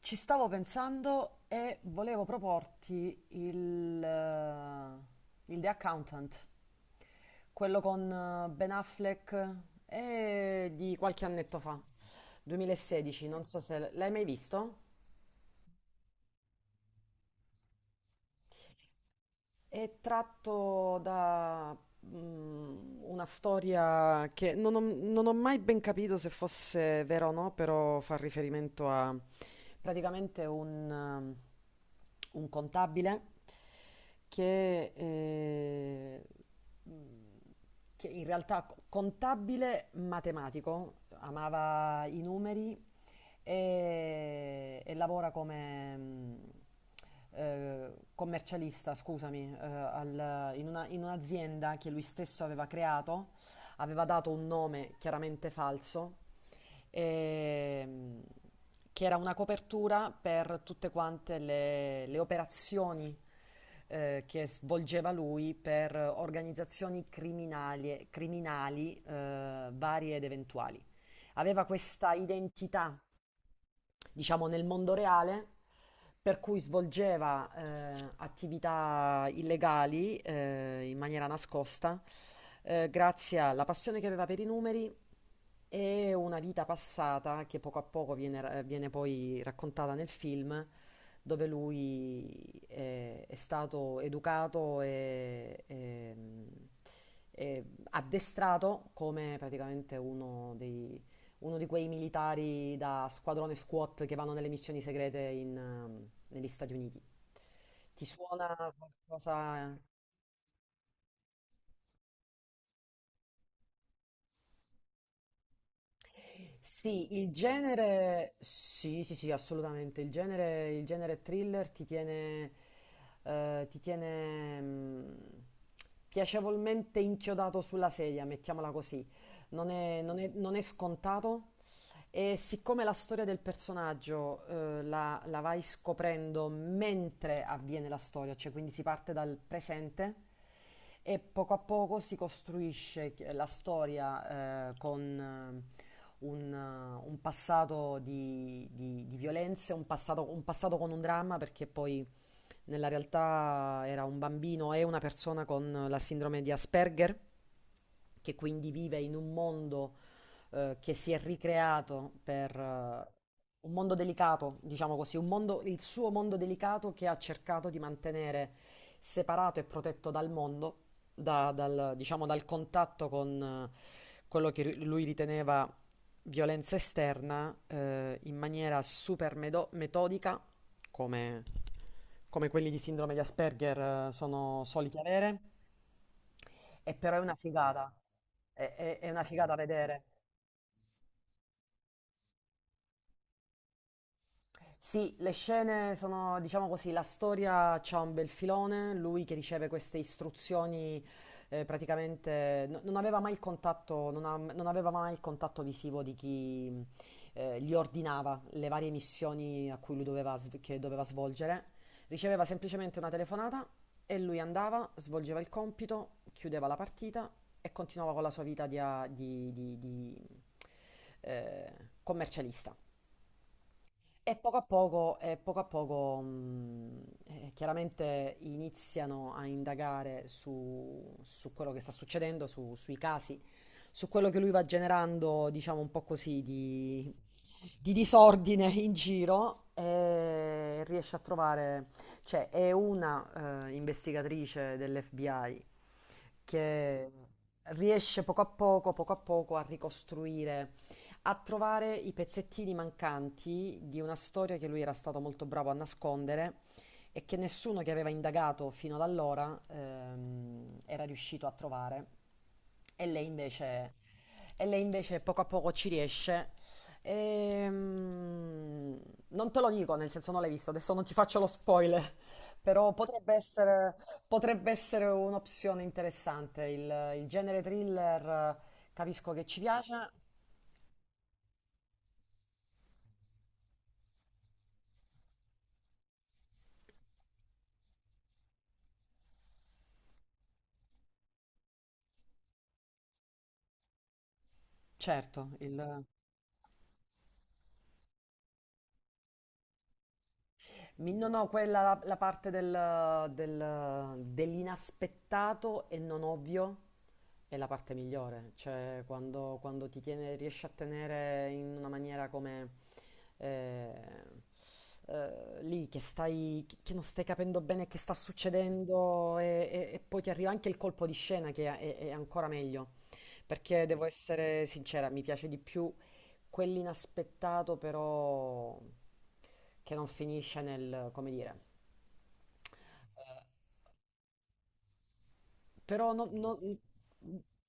Ci stavo pensando e volevo proporti il The Accountant, quello con Ben Affleck e di qualche annetto fa, 2016. Non so se l'hai mai visto? È tratto da una storia che non ho mai ben capito se fosse vera o no, però fa riferimento a praticamente un un contabile che eh, che in realtà contabile matematico, amava i numeri e lavora come commercialista, scusami, in un'azienda che lui stesso aveva creato, aveva dato un nome chiaramente falso, ehm, che era una copertura per tutte quante le operazioni che svolgeva lui per organizzazioni criminali, criminali varie ed eventuali. Aveva questa identità, diciamo, nel mondo reale, per cui svolgeva attività illegali in maniera nascosta, grazie alla passione che aveva per i numeri e una vita passata che poco a poco viene poi raccontata nel film, dove è stato educato e addestrato come praticamente uno di quei militari da squadrone SWAT che vanno nelle missioni segrete in, negli Stati Uniti. Ti suona qualcosa? Sì, il genere, sì, sì, sì, assolutamente. Il genere thriller ti tiene piacevolmente inchiodato sulla sedia, mettiamola così. Non è scontato. E siccome la storia del personaggio, la vai scoprendo mentre avviene la storia, cioè quindi si parte dal presente e poco a poco si costruisce la storia, con un passato di violenze, un passato con un dramma, perché poi nella realtà era un bambino e una persona con la sindrome di Asperger, che quindi vive in un mondo che si è ricreato per, un mondo delicato, diciamo così, un mondo, il suo mondo delicato che ha cercato di mantenere separato e protetto dal mondo, dal, diciamo, dal contatto con quello che lui riteneva violenza esterna, in maniera super metodica, come, come quelli di sindrome di Asperger, sono soliti avere, e però è una figata, è una figata vedere. Sì, le scene sono, diciamo così, la storia c'ha un bel filone, lui che riceve queste istruzioni, praticamente non aveva mai il contatto, non aveva mai il contatto visivo di chi gli ordinava le varie missioni a cui lui che doveva svolgere. Riceveva semplicemente una telefonata e lui andava, svolgeva il compito, chiudeva la partita e continuava con la sua vita di, eh, commercialista. E poco a poco, e poco a poco, chiaramente iniziano a indagare su quello che sta succedendo, sui casi, su quello che lui va generando, diciamo un po' così, di disordine in giro e riesce a trovare, cioè è una investigatrice dell'FBI che riesce poco a poco a ricostruire, a trovare i pezzettini mancanti di una storia che lui era stato molto bravo a nascondere e che nessuno che aveva indagato fino ad allora era riuscito a trovare. E lei invece, e lei invece poco a poco ci riesce. Ehm, Non te lo dico, nel senso non l'hai visto, adesso non ti faccio lo spoiler, però potrebbe essere un'opzione interessante. Il genere thriller, eh, capisco che ci piace. Certo, il... No, no, quella la parte dell'inaspettato e non ovvio è la parte migliore, cioè quando, quando ti tiene, riesci a tenere in una maniera come, eh, lì che stai, che non stai capendo bene che sta succedendo e, e poi ti arriva anche il colpo di scena che è, è ancora meglio, perché devo essere sincera, mi piace di più quell'inaspettato, però che non finisce nel, come dire, Però no- no- mm,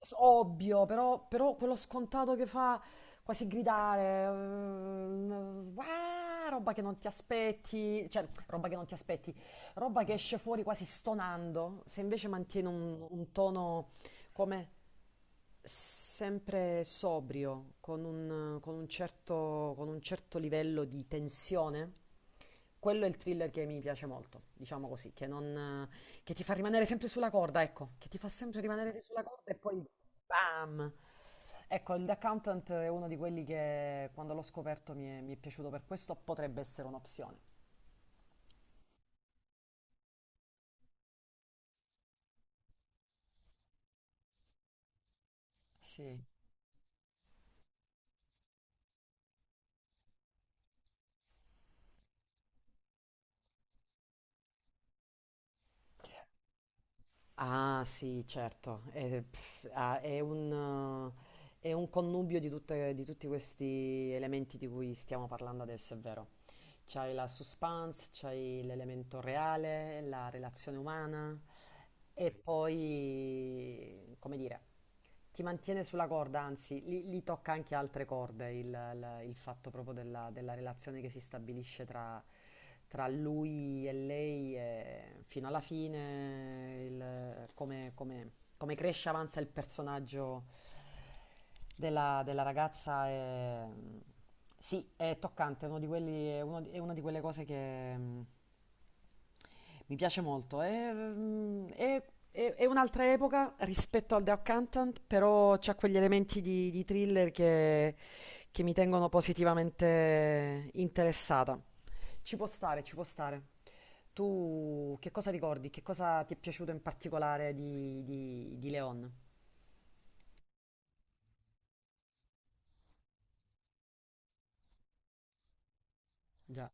s- ovvio, però, però quello scontato che fa quasi gridare, "Uah", roba che non ti aspetti, cioè roba che non ti aspetti, roba che esce fuori quasi stonando, se invece mantiene un tono come sempre sobrio, con un certo livello di tensione, quello è il thriller che mi piace molto, diciamo così, che non che ti fa rimanere sempre sulla corda, ecco, che ti fa sempre rimanere sulla corda e poi bam. Ecco, il The Accountant è uno di quelli che quando l'ho scoperto mi è piaciuto per questo, potrebbe essere un'opzione. Sì. Ah, sì, certo. È è un connubio di di tutti questi elementi di cui stiamo parlando adesso, è vero. C'hai la suspense, c'hai l'elemento reale, la relazione umana e poi, come dire, ti mantiene sulla corda, anzi, lì, lì tocca anche altre corde il fatto proprio della relazione che si stabilisce tra, tra lui e lei e fino alla fine, come cresce e avanza il personaggio della ragazza è... Sì, è toccante, è uno di quelli, è una di quelle cose che mi piace molto. È, mm, è- È un'altra epoca rispetto al The Accountant, però c'ha quegli elementi di thriller che mi tengono positivamente interessata. Ci può stare, ci può stare. Tu che cosa ricordi? Che cosa ti è piaciuto in particolare di Leon? Già.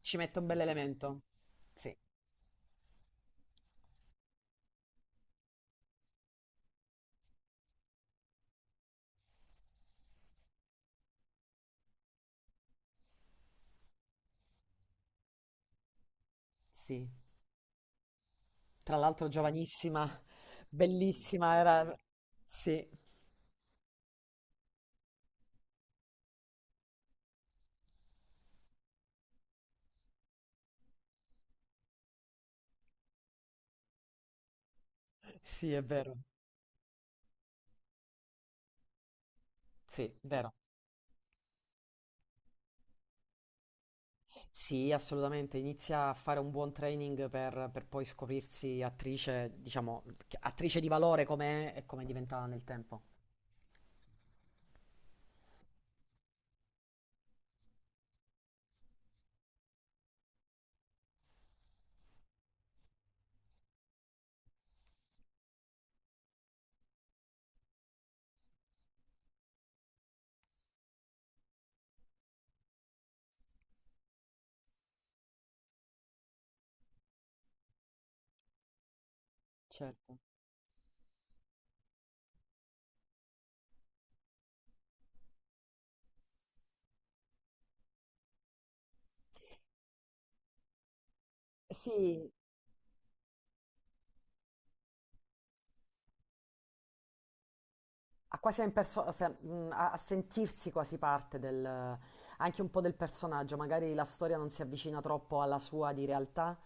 Ci mette un bell'elemento. Sì, sì. Tra l'altro giovanissima, bellissima, era... Sì, sì, è vero. Sì, assolutamente, inizia a fare un buon training per poi scoprirsi attrice, diciamo, attrice di valore come è e come diventa nel tempo. Certo. Sì, a quasi a, a sentirsi quasi parte del, anche un po' del personaggio, magari la storia non si avvicina troppo alla sua di realtà,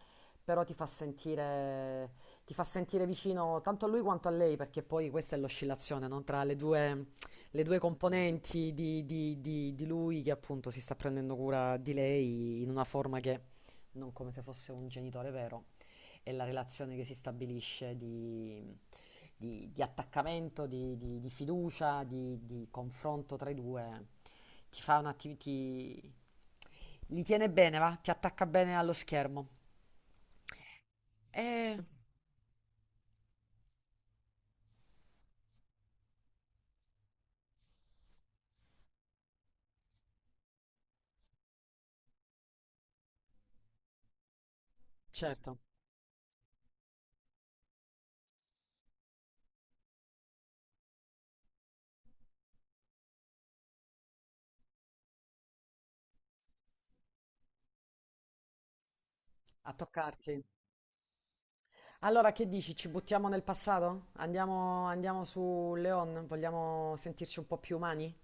però ti fa sentire vicino tanto a lui quanto a lei, perché poi questa è l'oscillazione, no? Tra le due componenti di lui che appunto si sta prendendo cura di lei in una forma che non, come se fosse un genitore vero, è la relazione che si stabilisce di, di attaccamento, di fiducia, di confronto tra i due, ti fa un attimo, ti... li tiene bene, va? Ti attacca bene allo schermo. Eh, Certo, a toccarti. Allora, che dici? Ci buttiamo nel passato? Andiamo, andiamo su Leon? Vogliamo sentirci un po' più umani?